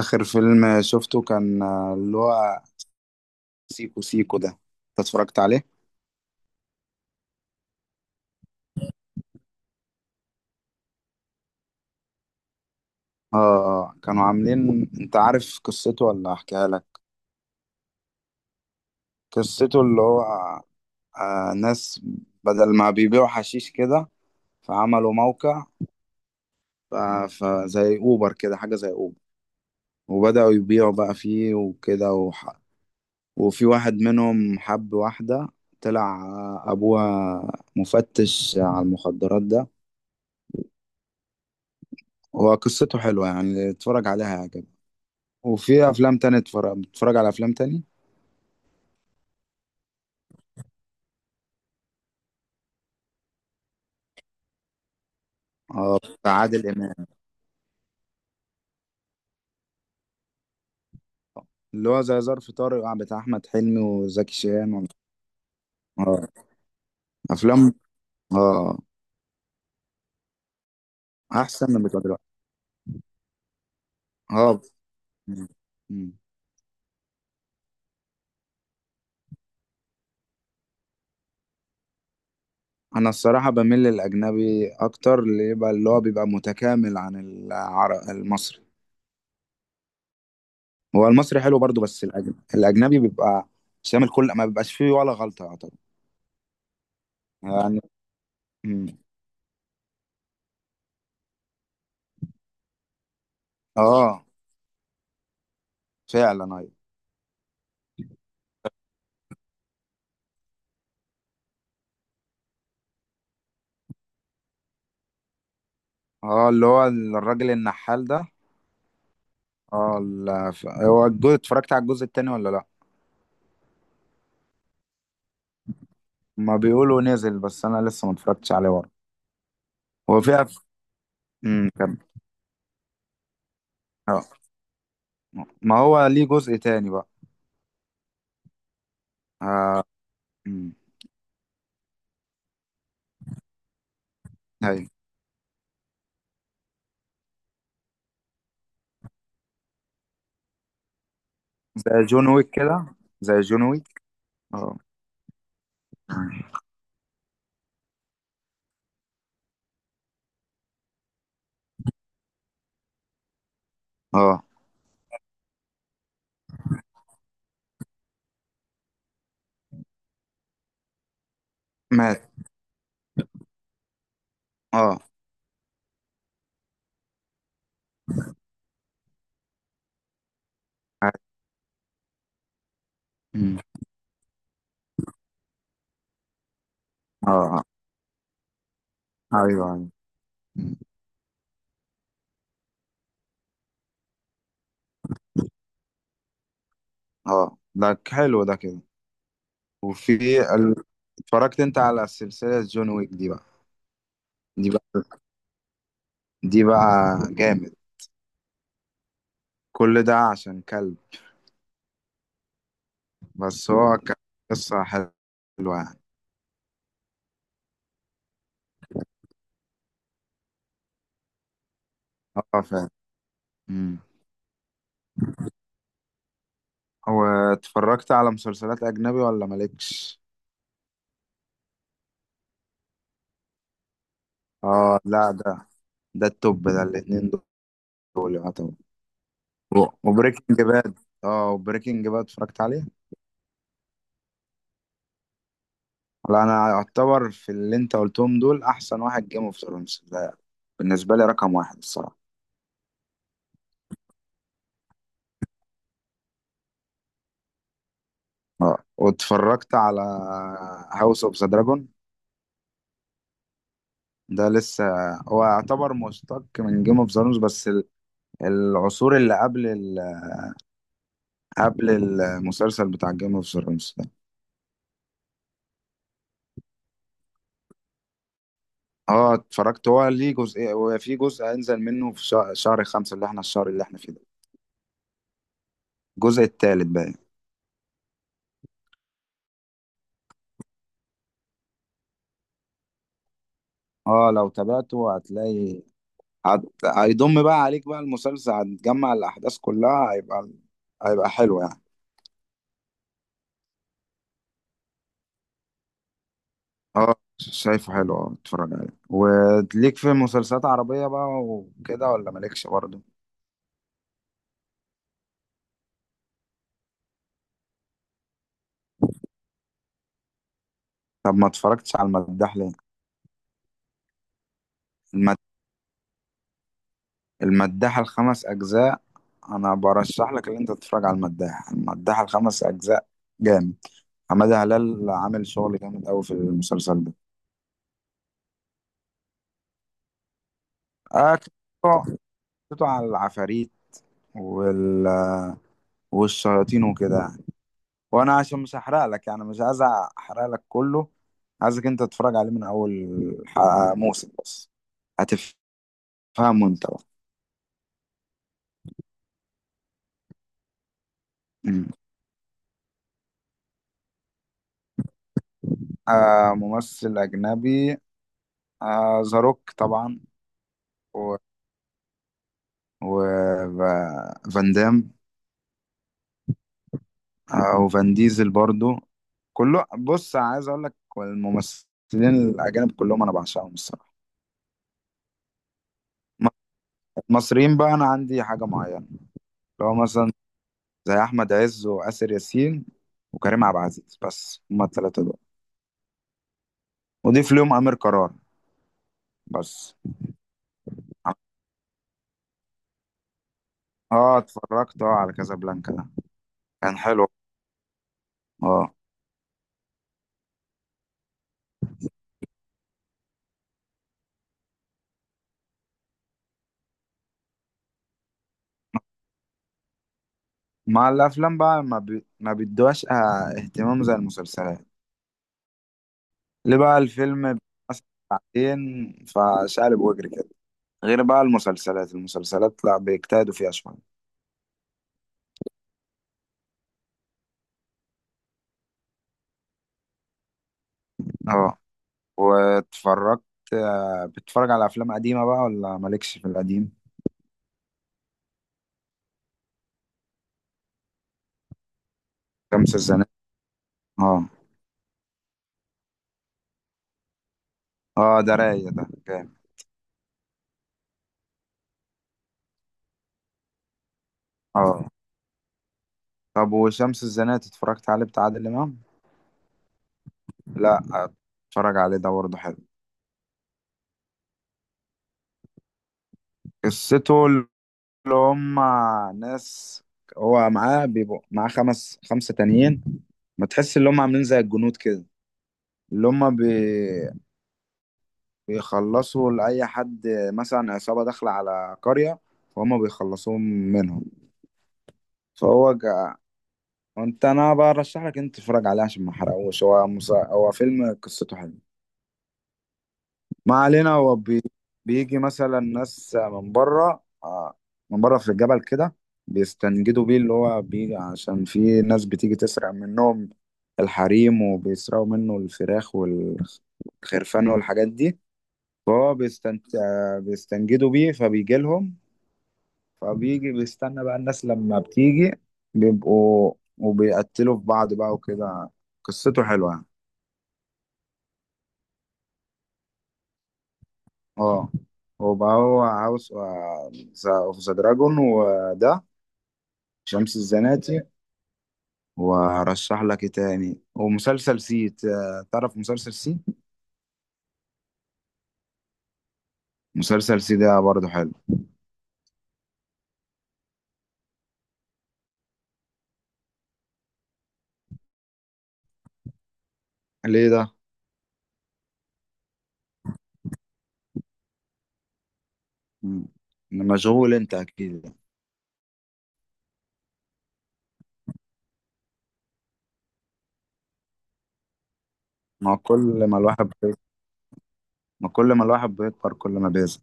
آخر فيلم شفته كان اللي هو سيكو سيكو ده انت اتفرجت عليه؟ اه، كانوا عاملين. انت عارف قصته ولا احكيها لك؟ قصته اللي هو ناس بدل ما بيبيعوا حشيش كده، فعملوا موقع ف- فزي اوبر كده، حاجة زي اوبر، وبدأوا يبيعوا بقى فيه وكده وفي واحد منهم حب واحدة، طلع ابوها مفتش على المخدرات ده. هو قصته حلوة، يعني اتفرج عليها. وفي افلام تانية بتتفرج على افلام تاني. اه، بتاع عادل امام. اللي هو زي ظرف طارق، بتاع احمد حلمي وزكي شان اه، افلام. اه، احسن من بتوع دلوقتي. اه. م. م. انا الصراحه بميل للاجنبي اكتر، اللي هو بيبقى متكامل عن المصري. هو المصري حلو برضو، بس الاجنبي بيبقى شامل. كل ما بيبقاش فيه ولا غلطه، يعتبر يعني. م. اه، فعلا. ايوه. اه، اللي هو الراجل النحال ده. اه، لا، هو الجزء اتفرجت على الجزء التاني ولا لا؟ ما بيقولوا نزل، بس انا لسه ما اتفرجتش عليه ورا. هو في كم. آه. ما هو ليه جزء تاني بقى. آه. مم. ايوه، زي جون ويك كده. زي جون ويك. اه. اه، مات. اه. مم. اه. اه. ايوه، ايوه. مم. اه، ده حلو ده كده. وفي ال... اتفرجت انت على سلسلة جون ويك دي بقى؟ دي بقى. دي بقى جامد. كل ده عشان كلب. بس هو كان قصة حلوة يعني. اه، فاهم. امم. هو اتفرجت على مسلسلات أجنبي ولا مالكش؟ اه، لا، ده التوب، ده الاتنين دول يعتبر. وبريكنج باد. اه، وبريكنج باد اتفرجت عليه؟ لا، أنا أعتبر في اللي أنت قلتهم دول، أحسن واحد جيم اوف ثرونز ده بالنسبة لي. رقم واحد الصراحة. اه. واتفرجت على هاوس اوف ذا دراجون؟ ده لسه. هو يعتبر مشتق من جيم اوف ثرونز، بس العصور اللي قبل المسلسل بتاع جيم اوف ثرونز ده. اه، اتفرجت. هو ليه جزء وفي جزء هينزل منه في شهر 5، اللي احنا الشهر اللي احنا فيه ده. الجزء التالت بقى. اه، لو تابعته هتلاقي. هيضم بقى عليك بقى المسلسل، هتجمع الأحداث كلها. هيبقى حلو يعني. اه، شايفه حلو. اه، اتفرج عليه. وليك في مسلسلات عربية بقى وكده ولا مالكش برضه؟ طب ما اتفرجتش على المداح ليه؟ المداحة الخمس أجزاء. أنا برشح لك إن أنت تتفرج على المداحة الخمس أجزاء. جامد. حمادة هلال عامل شغل جامد أوي في المسلسل ده. آه، قصته قصته على العفاريت وال والشياطين وكده يعني. وأنا عشان مش هحرق لك يعني، مش عايز أحرق لك كله. عايزك أنت تتفرج عليه من أول موسم بس هتفهمه. أنت بقى. مم. آه، ممثل أجنبي. آه، ذا روك طبعا. وفان دام، او فان ديزل برضو. كله، بص، عايز اقول لك الممثلين الاجانب كلهم انا بعشقهم الصراحه. م- المصريين بقى انا عندي حاجه معينه. لو مثلا زي احمد عز واسر ياسين وكريم عبد العزيز، بس هما الثلاثه دول. وضيف لهم امير قرار بس. اه، اتفرجت. اه، على كازابلانكا ده كان حلو. اه. مع الافلام بقى، ما بيدوهاش اهتمام زي المسلسلات. ليه بقى الفيلم مثلا ساعتين فشقلب وجري كده. غير بقى المسلسلات لا بيجتهدوا فيها شوية. اه، واتفرجت. بتتفرج على أفلام قديمة بقى ولا مالكش في القديم؟ شمس الزناتي. اه. اه، ده رايق. ده جامد. اه. طب وشمس الزناتي اتفرجت عليه بتاع عادل إمام؟ لا. اتفرج عليه ده برضه حلو. قصته اللي هم ناس. هو بيبقوا معاه خمسة تانيين. ما تحس ان هم عاملين زي الجنود كده. اللي هم بيخلصوا لأي حد. مثلا عصابة داخلة على قرية، فهم بيخلصوهم منهم. فهو جا... انا برشح لك انت تتفرج عليه عشان ما احرقوش. هو فيلم قصته حلوة. ما علينا. هو بيجي مثلا ناس من بره، من بره في الجبل كده. بيستنجدوا بيه، اللي هو بيجي عشان في ناس بتيجي تسرق منهم الحريم، وبيسرقوا منه الفراخ والخرفان والحاجات دي. فهو بيستنت... بيستنجدوا بيه فبيجي لهم. فبيجي بيستنى بقى الناس لما بتيجي، بيبقوا وبيقتلوا في بعض بقى وكده. قصته حلوة يعني. اه، هو هاوس اوف ذا دراجون، وده شمس الزناتي. وارشح لك ايه تاني؟ ومسلسل سي. تعرف مسلسل سي؟ مسلسل سي ده برضه حلو. ليه ده؟ مم. مشغول انت اكيد. ما كل ما الواحد بي... ما كل ما الواحد بيكبر كل ما بيزهق.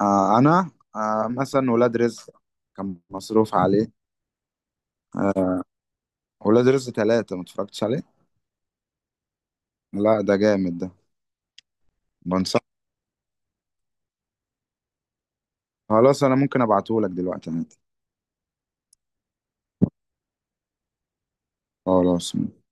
انا مثلا ولاد رزق كان مصروف عليه. ولاد رزق 3 ما اتفرجتش عليه؟ لا، ده جامد ده. بنصح. خلاص، انا ممكن ابعتهولك دلوقتي عادي. خلاص.